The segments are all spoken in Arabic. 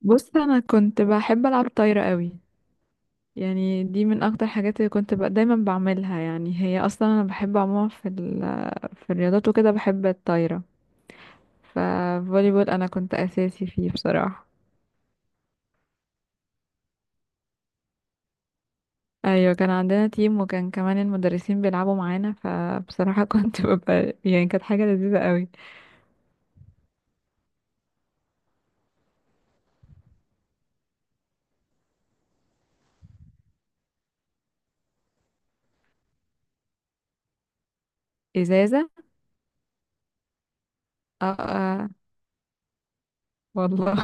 بص، انا كنت بحب العب طايره قوي. يعني دي من اكتر حاجات اللي كنت بقى دايما بعملها. يعني هي اصلا انا بحب عموما في الرياضات وكده، بحب الطايره. ففولي بول انا كنت اساسي فيه بصراحه. ايوه كان عندنا تيم، وكان كمان المدرسين بيلعبوا معانا، فبصراحه كنت ببقى يعني كانت حاجه لذيذه قوي. ازازه. اه، آه. والله.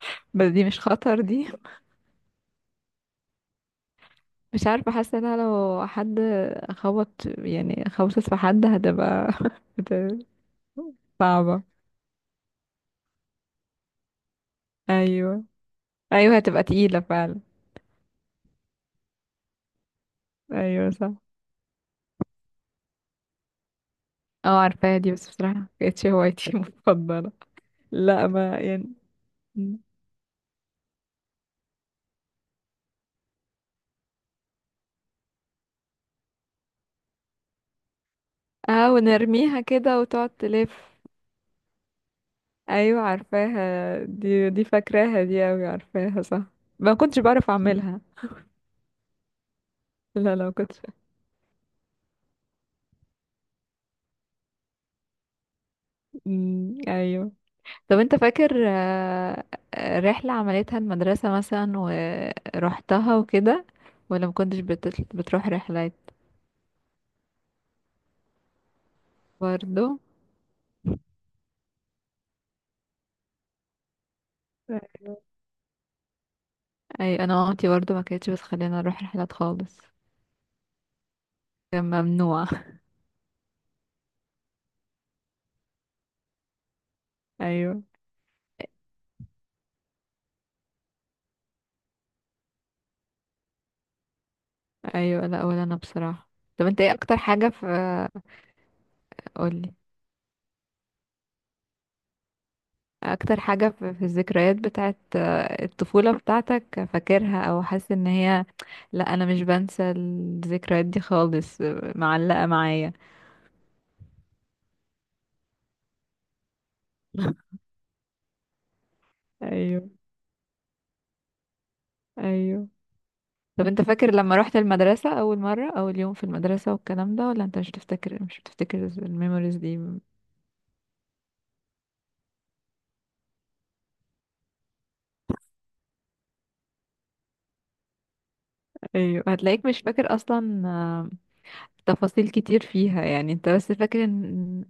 بس دي مش خطر دي. مش عارفه، حاسه إنها لو حد خبط، يعني خبطت في حد هتبقى صعبة. ايوه. ايوه هتبقى تقيلة فعلا. ايوه صح. اه عارفاها دي، بس بصراحة مكانتش هوايتي المفضلة. لا ما يعني. م. اه ونرميها كده وتقعد تلف. ايوه عارفاها دي فاكراها دي اوي، عارفاها صح. ما كنتش بعرف اعملها. لا لا ما كنتش. م، ايوه. طب انت فاكر رحلة عملتها المدرسة مثلا ورحتها وكده؟ ولا ما كنتش بتروح رحلات؟ برضو. اي انا مامتي برضو ما كانتش بتخلينا نروح رحلات خالص. كان ممنوع ايوه. ايوه لا ولا انا بصراحه. طب انت ايه اكتر حاجه في؟ قولي. اكتر حاجه في الذكريات بتاعت الطفوله بتاعتك، فاكرها او حاسس ان هي؟ لا انا مش بنسى الذكريات دي خالص، معلقه معايا. ايوه. ايوه. طب انت فاكر لما رحت المدرسه اول مره، اول يوم في المدرسه والكلام ده، ولا انت مش بتفتكر الميموريز دي؟ ايوه هتلاقيك مش فاكر اصلا تفاصيل كتير فيها، يعني انت بس فاكر ان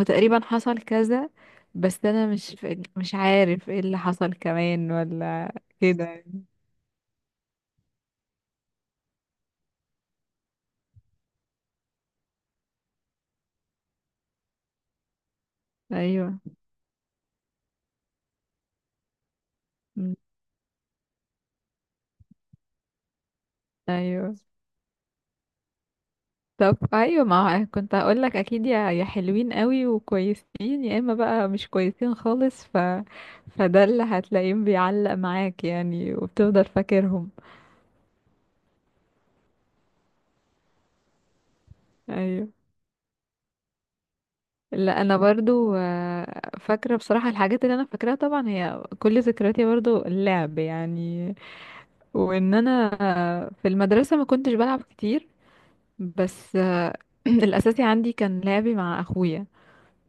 هو تقريبا حصل كذا، بس انا مش عارف ايه اللي حصل كمان ولا كده. ايوه. م، ايوه. طب ايوه، ما هو كنت هقول لك اكيد، يا حلوين قوي وكويسين يا اما بقى مش كويسين خالص، فده اللي هتلاقيهم بيعلق معاك يعني وبتفضل فاكرهم. ايوه. لا انا برضو فاكره بصراحه. الحاجات اللي انا فاكراها طبعا هي كل ذكرياتي برضو اللعب يعني. وان انا في المدرسه ما كنتش بلعب كتير، بس الاساسي عندي كان لعبي مع اخويا.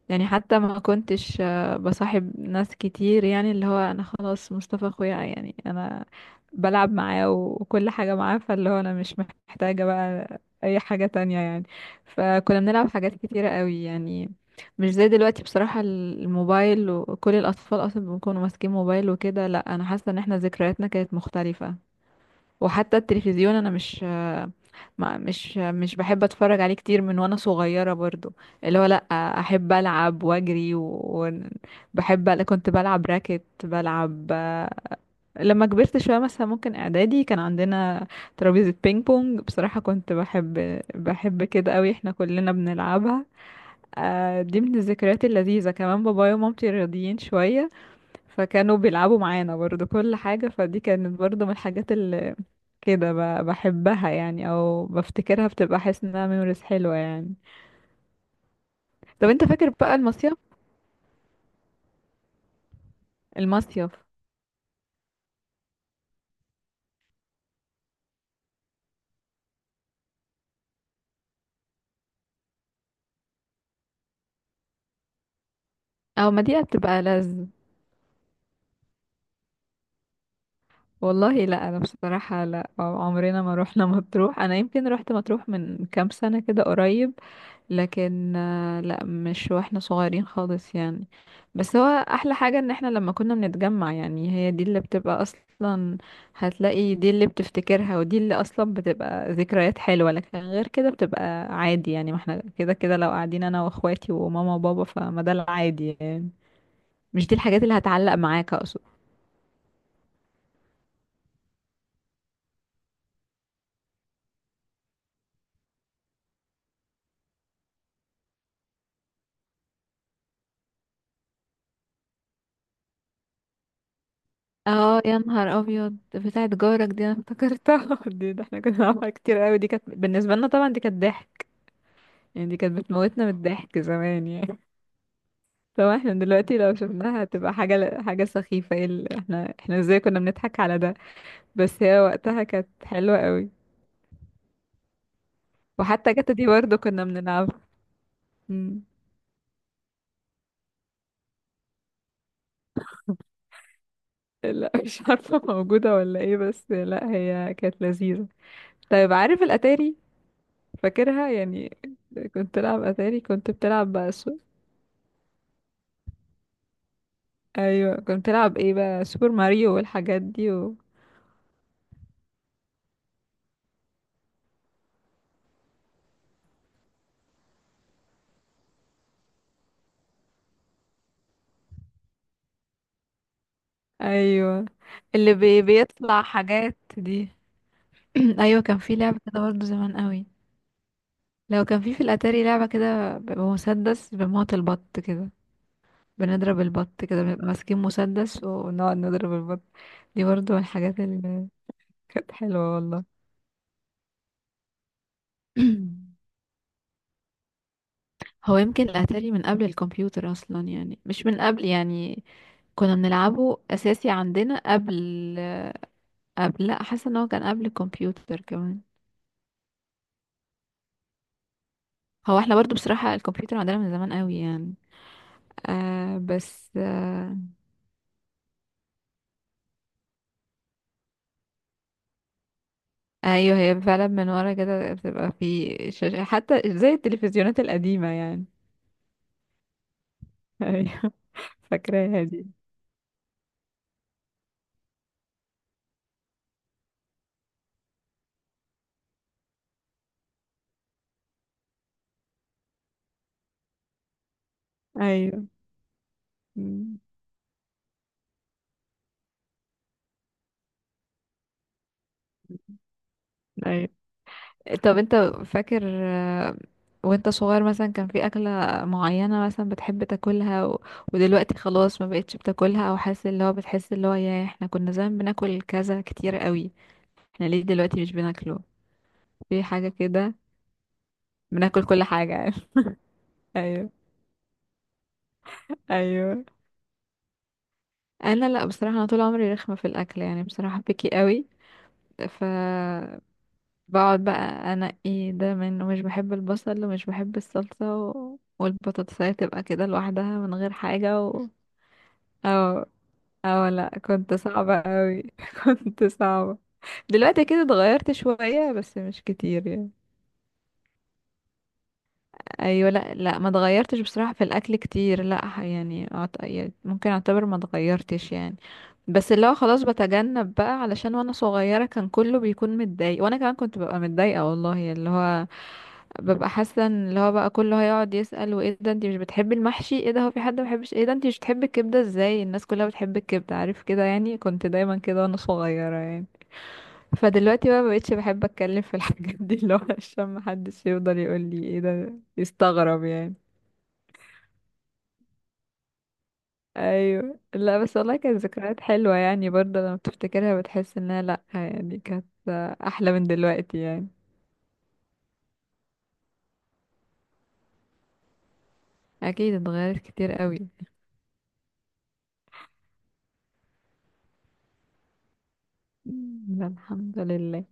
يعني حتى ما كنتش بصاحب ناس كتير، يعني اللي هو انا خلاص مصطفى اخويا، يعني انا بلعب معاه وكل حاجة معاه، فاللي هو انا مش محتاجة بقى اي حاجة تانية يعني. فكنا بنلعب حاجات كتيرة قوي يعني، مش زي دلوقتي بصراحة. الموبايل وكل الاطفال اصلا بيكونوا ماسكين موبايل وكده، لا انا حاسة ان احنا ذكرياتنا كانت مختلفة. وحتى التلفزيون انا مش ما مش مش بحب اتفرج عليه كتير من وانا صغيرة برضو. اللي هو لا، احب العب واجري وبحب، كنت بلعب راكت، بلعب. لما كبرت شوية مثلا، ممكن اعدادي، كان عندنا ترابيزة بينج بونج، بصراحة كنت بحب كده قوي، احنا كلنا بنلعبها. دي من الذكريات اللذيذة كمان. بابايا ومامتي رياضيين شوية، فكانوا بيلعبوا معانا برضو كل حاجة، فدي كانت برضو من الحاجات كده بحبها يعني، او بفتكرها بتبقى حاسة انها ميموريز حلوة يعني. طب انت فاكر بقى المصيف؟ المصيف. او ما دي بتبقى لذ. والله لا انا بصراحة لا، عمرنا ما روحنا مطروح. انا يمكن روحت مطروح من كام سنة كده قريب، لكن لا مش واحنا صغيرين خالص يعني. بس هو احلى حاجة ان احنا لما كنا بنتجمع، يعني هي دي اللي بتبقى اصلا، هتلاقي دي اللي بتفتكرها، ودي اللي اصلا بتبقى ذكريات حلوة. لكن غير كده بتبقى عادي يعني، ما احنا كده كده لو قاعدين انا واخواتي وماما وبابا، فما ده العادي يعني، مش دي الحاجات اللي هتعلق معاك اقصد. اه يا نهار ابيض، بتاعت جارك دي انا افتكرتها دي ده احنا كنا بنعملها كتير قوي، دي كانت بالنسبة لنا طبعا دي كانت ضحك يعني، دي كانت بتموتنا من الضحك زمان يعني. طبعا احنا دلوقتي لو شفناها هتبقى حاجة سخيفة، ايه احنا ازاي كنا بنضحك على ده، بس هي وقتها كانت حلوة قوي. وحتى جاتا دي برضه كنا بنلعبها. مم. لا مش عارفة موجودة ولا ايه، بس لا هي كانت لذيذة. طيب عارف الأتاري؟ فاكرها يعني؟ كنت تلعب أتاري، كنت بتلعب بقى ايوه كنت بتلعب ايه بقى، سوبر ماريو والحاجات دي و... ايوه اللي بيطلع حاجات دي. ايوه كان في لعبه كده برضه زمان قوي، لو كان في الاتاري، لعبه كده بيبقى مسدس بموت البط كده، بنضرب البط كده، بنبقى ماسكين مسدس ونقعد نضرب البط. دي برضه من الحاجات اللي كانت حلوه والله. هو يمكن الاتاري من قبل الكمبيوتر اصلا يعني، مش من قبل يعني كنا بنلعبه اساسي عندنا قبل لا، حاسه ان هو كان قبل الكمبيوتر كمان. هو احنا برضو بصراحه الكمبيوتر عندنا من زمان قوي يعني. بس ايوه هي فعلا من ورا كده بتبقى في شاشة حتى زي التلفزيونات القديمة يعني. ايوه فاكراها دي. ايوه. مم. ايوه. طب انت فاكر وانت صغير مثلا، كان في اكلة معينة مثلا بتحب تاكلها و... ودلوقتي خلاص ما بقتش بتاكلها، او حاسس اللي هو بتحس اللي هو يا احنا كنا زمان بناكل كذا كتير قوي، احنا ليه دلوقتي مش بناكله؟ في حاجة كده؟ بناكل كل حاجة. ايوه. ايوه انا لا بصراحه، انا طول عمري رخمه في الاكل يعني، بصراحه بكي قوي، ف بقعد بقى انقي ده من، ومش بحب البصل، ومش بحب الصلصه، و... والبطاطسايه تبقى كده لوحدها من غير حاجه و... او او لا، كنت صعبه قوي كنت صعبه. دلوقتي كده اتغيرت شويه، بس مش كتير يعني. ايوه لا لا ما اتغيرتش بصراحه في الاكل كتير، لا يعني يعني ممكن اعتبر ما اتغيرتش يعني. بس اللي هو خلاص بتجنب بقى، علشان وانا صغيره كان كله بيكون متضايق، وانا كمان كنت ببقى متضايقه والله، اللي هو ببقى حاسه ان اللي هو بقى كله هيقعد يسال، وايه ده، انت مش بتحبي المحشي، ايه ده، هو في حد ما بيحبش، ايه ده، انت مش بتحبي الكبده، ازاي الناس كلها بتحب الكبده، عارف كده يعني، كنت دايما كده وانا صغيره يعني. فدلوقتي بقى مبقتش بحب اتكلم في الحاجات دي، اللي هو عشان محدش يفضل يقول لي ايه ده، يستغرب يعني. ايوه. لا بس والله كانت ذكريات حلوة يعني برضه، لما بتفتكرها بتحس انها، لا يعني كانت احلى من دلوقتي يعني. اكيد اتغيرت كتير قوي. مم، الحمد لله.